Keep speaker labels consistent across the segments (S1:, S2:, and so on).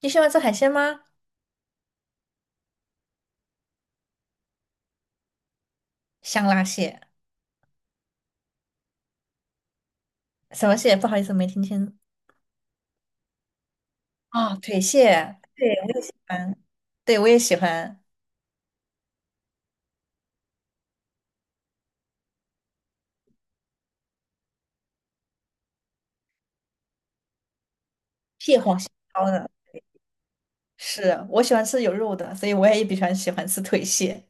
S1: 你喜欢吃海鲜吗？香辣蟹，什么蟹？不好意思，没听清。啊。腿蟹，对，我也喜欢，对，我也喜欢蟹黄蟹膏的。是，我喜欢吃有肉的，所以我也比较喜欢吃腿蟹。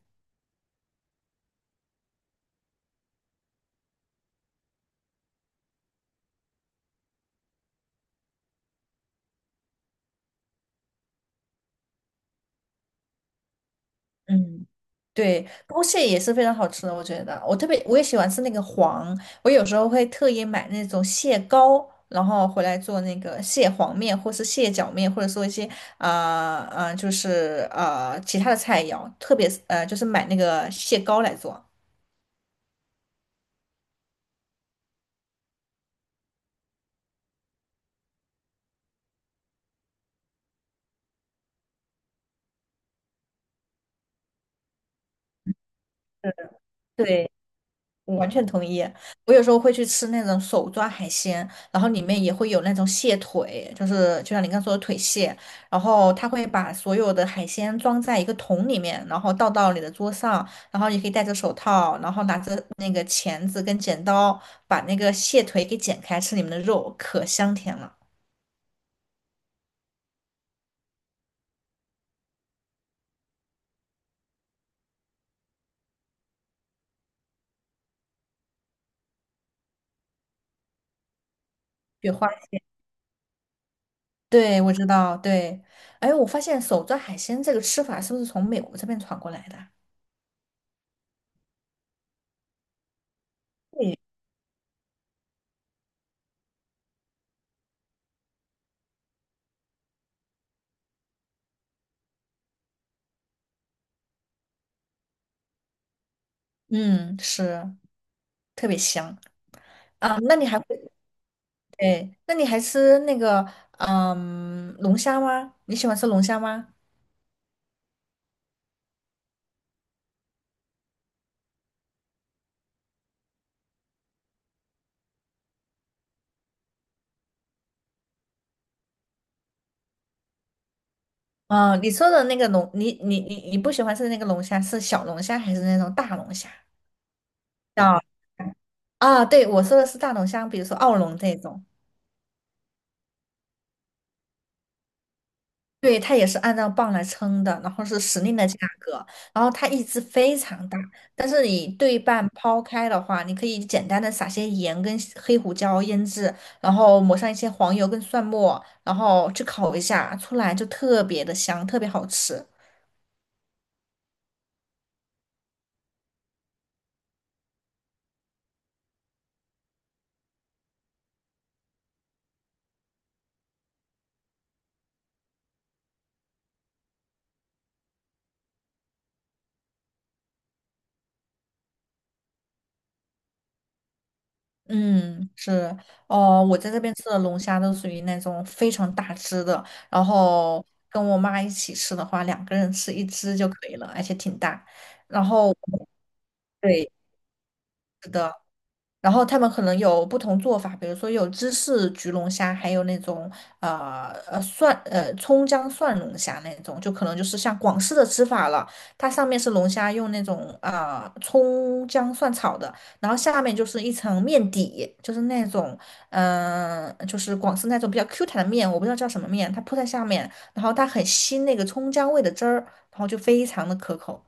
S1: 嗯，对，剥蟹也是非常好吃的，我觉得。我特别我也喜欢吃那个黄，我有时候会特意买那种蟹膏，然后回来做那个蟹黄面，或是蟹脚面，或者说一些就是其他的菜肴，特别是就是买那个蟹膏来做。对。我完全同意。我有时候会去吃那种手抓海鲜，然后里面也会有那种蟹腿，就是就像你刚说的腿蟹，然后他会把所有的海鲜装在一个桶里面，然后倒到你的桌上，然后你可以戴着手套，然后拿着那个钳子跟剪刀把那个蟹腿给剪开，吃里面的肉，可香甜了。雪花，对，我知道，对。哎，我发现手抓海鲜这个吃法是不是从美国这边传过来的啊？对，嗯，是，特别香啊。那你还会？对，那你还吃那个龙虾吗？你喜欢吃龙虾吗？嗯、你说的那个龙，你不喜欢吃那个龙虾，是小龙虾还是那种大龙虾？叫啊，对，我说的是大龙虾，比如说澳龙这种。对，它也是按照磅来称的，然后是时令的价格，然后它一只非常大，但是你对半抛开的话，你可以简单的撒些盐跟黑胡椒腌制，然后抹上一些黄油跟蒜末，然后去烤一下，出来就特别的香，特别好吃。嗯，是。哦，我在这边吃的龙虾都属于那种非常大只的，然后跟我妈一起吃的话，两个人吃一只就可以了，而且挺大。然后对。然后他们可能有不同做法，比如说有芝士焗龙虾，还有那种呃呃蒜呃葱姜蒜龙虾那种，就可能就是像广式的吃法了。它上面是龙虾用那种葱姜蒜炒的，然后下面就是一层面底，就是那种就是广式那种比较 Q 弹的面，我不知道叫什么面，它铺在下面，然后它很吸那个葱姜味的汁儿，然后就非常的可口。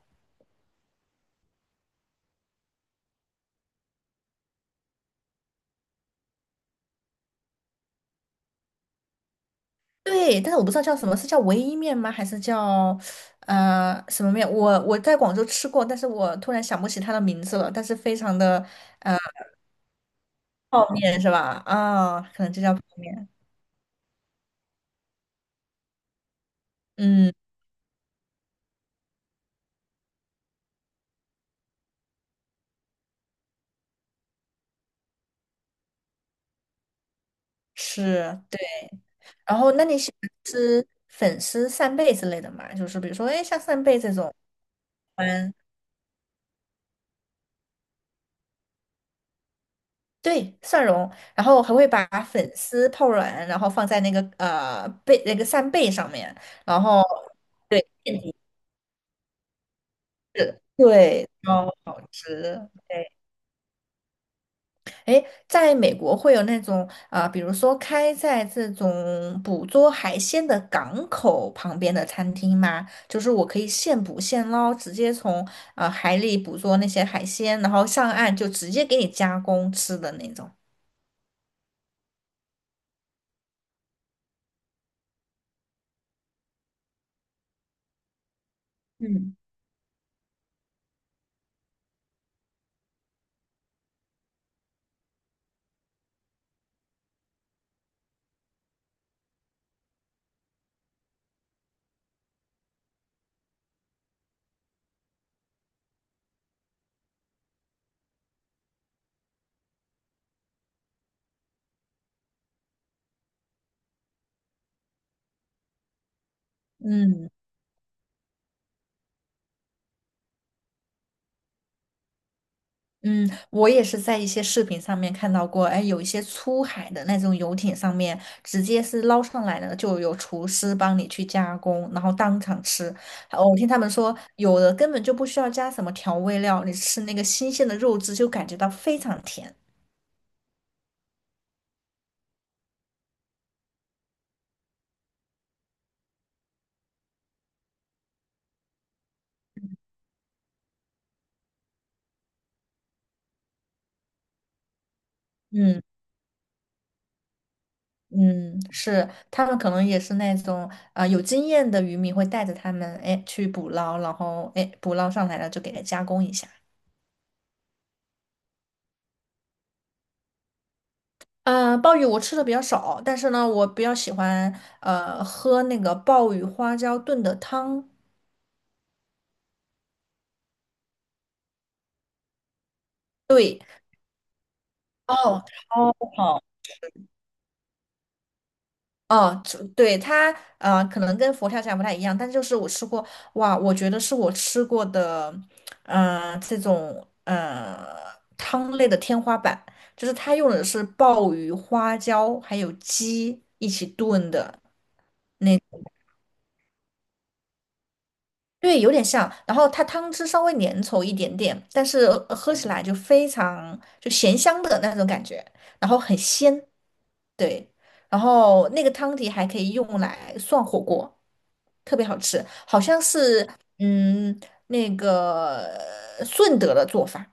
S1: 对，但是我不知道叫什么，是叫唯一面吗？还是叫什么面？我在广州吃过，但是我突然想不起它的名字了。但是非常的。泡面是吧？可能就叫泡面。嗯，是，对。然后，那你喜欢吃粉丝扇贝之类的吗？就是比如说，哎，像扇贝这种，嗯，对，蒜蓉，然后还会把粉丝泡软，然后放在那个呃贝那个扇贝上面，然后。对。是，对，超好吃。对，哎，在美国会有那种比如说开在这种捕捉海鲜的港口旁边的餐厅吗？就是我可以现捕现捞，直接从海里捕捉那些海鲜，然后上岸就直接给你加工吃的那种。嗯。嗯，嗯，我也是在一些视频上面看到过，哎，有一些出海的那种游艇上面，直接是捞上来的，就有厨师帮你去加工，然后当场吃。哦，我听他们说，有的根本就不需要加什么调味料，你吃那个新鲜的肉质就感觉到非常甜。嗯嗯，是，他们可能也是那种有经验的渔民会带着他们，哎，去捕捞，然后哎捕捞上来了就给它加工一下。鲍鱼我吃的比较少，但是呢，我比较喜欢喝那个鲍鱼花椒炖的汤。对，哦，超好。哦，就对它，可能跟佛跳墙不太一样，但就是我吃过。哇，我觉得是我吃过的，这种汤类的天花板，就是它用的是鲍鱼、花椒还有鸡一起炖的，对，有点像。然后它汤汁稍微粘稠一点点，但是喝起来就非常就咸香的那种感觉，然后很鲜。对，然后那个汤底还可以用来涮火锅，特别好吃。好像是嗯那个顺德的做法。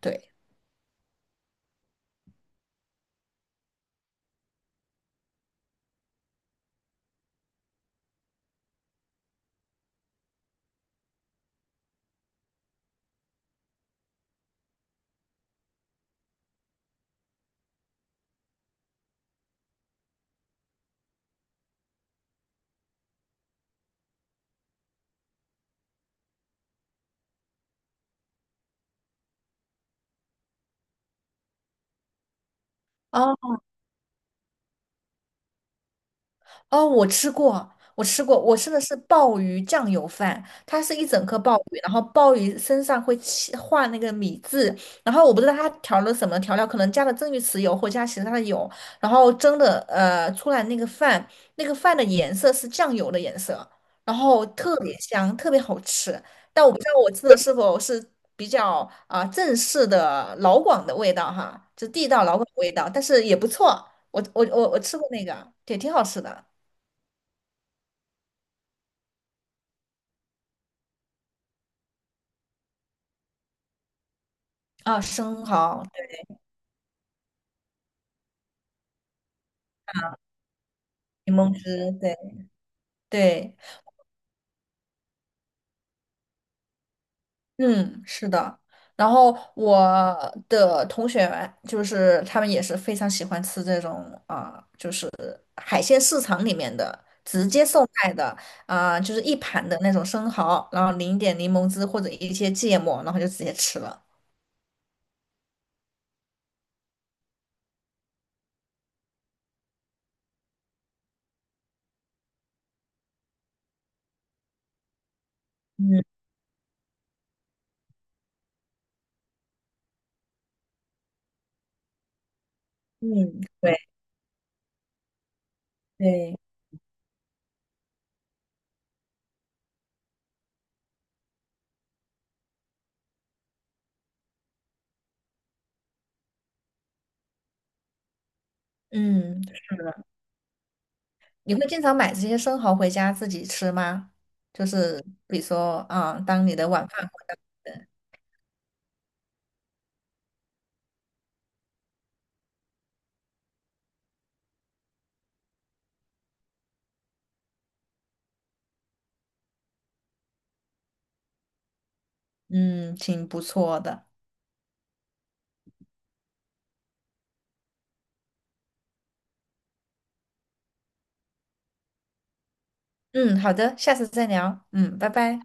S1: 对，啊。哦，我吃过，我吃过。我吃的是鲍鱼酱油饭，它是一整颗鲍鱼，然后鲍鱼身上会起画那个米字，然后我不知道它调了什么调料，可能加了蒸鱼豉油或加其他的油，然后蒸的出来那个饭，那个饭的颜色是酱油的颜色，然后特别香，特别好吃。但我不知道我吃的是否是比较正式的老广的味道哈，就地道老广的味道，但是也不错，我吃过那个，也挺好吃的。啊，生蚝、柠檬汁，对对，嗯，是的。然后我的同学就是他们也是非常喜欢吃这种啊、海鲜市场里面的直接售卖的就是一盘的那种生蚝，然后淋一点柠檬汁或者一些芥末，然后就直接吃了。嗯嗯，对对。嗯，你会经常买这些生蚝回家自己吃吗？就是比如说当你的晚饭，嗯，挺不错的。嗯，好的，下次再聊。嗯，拜拜。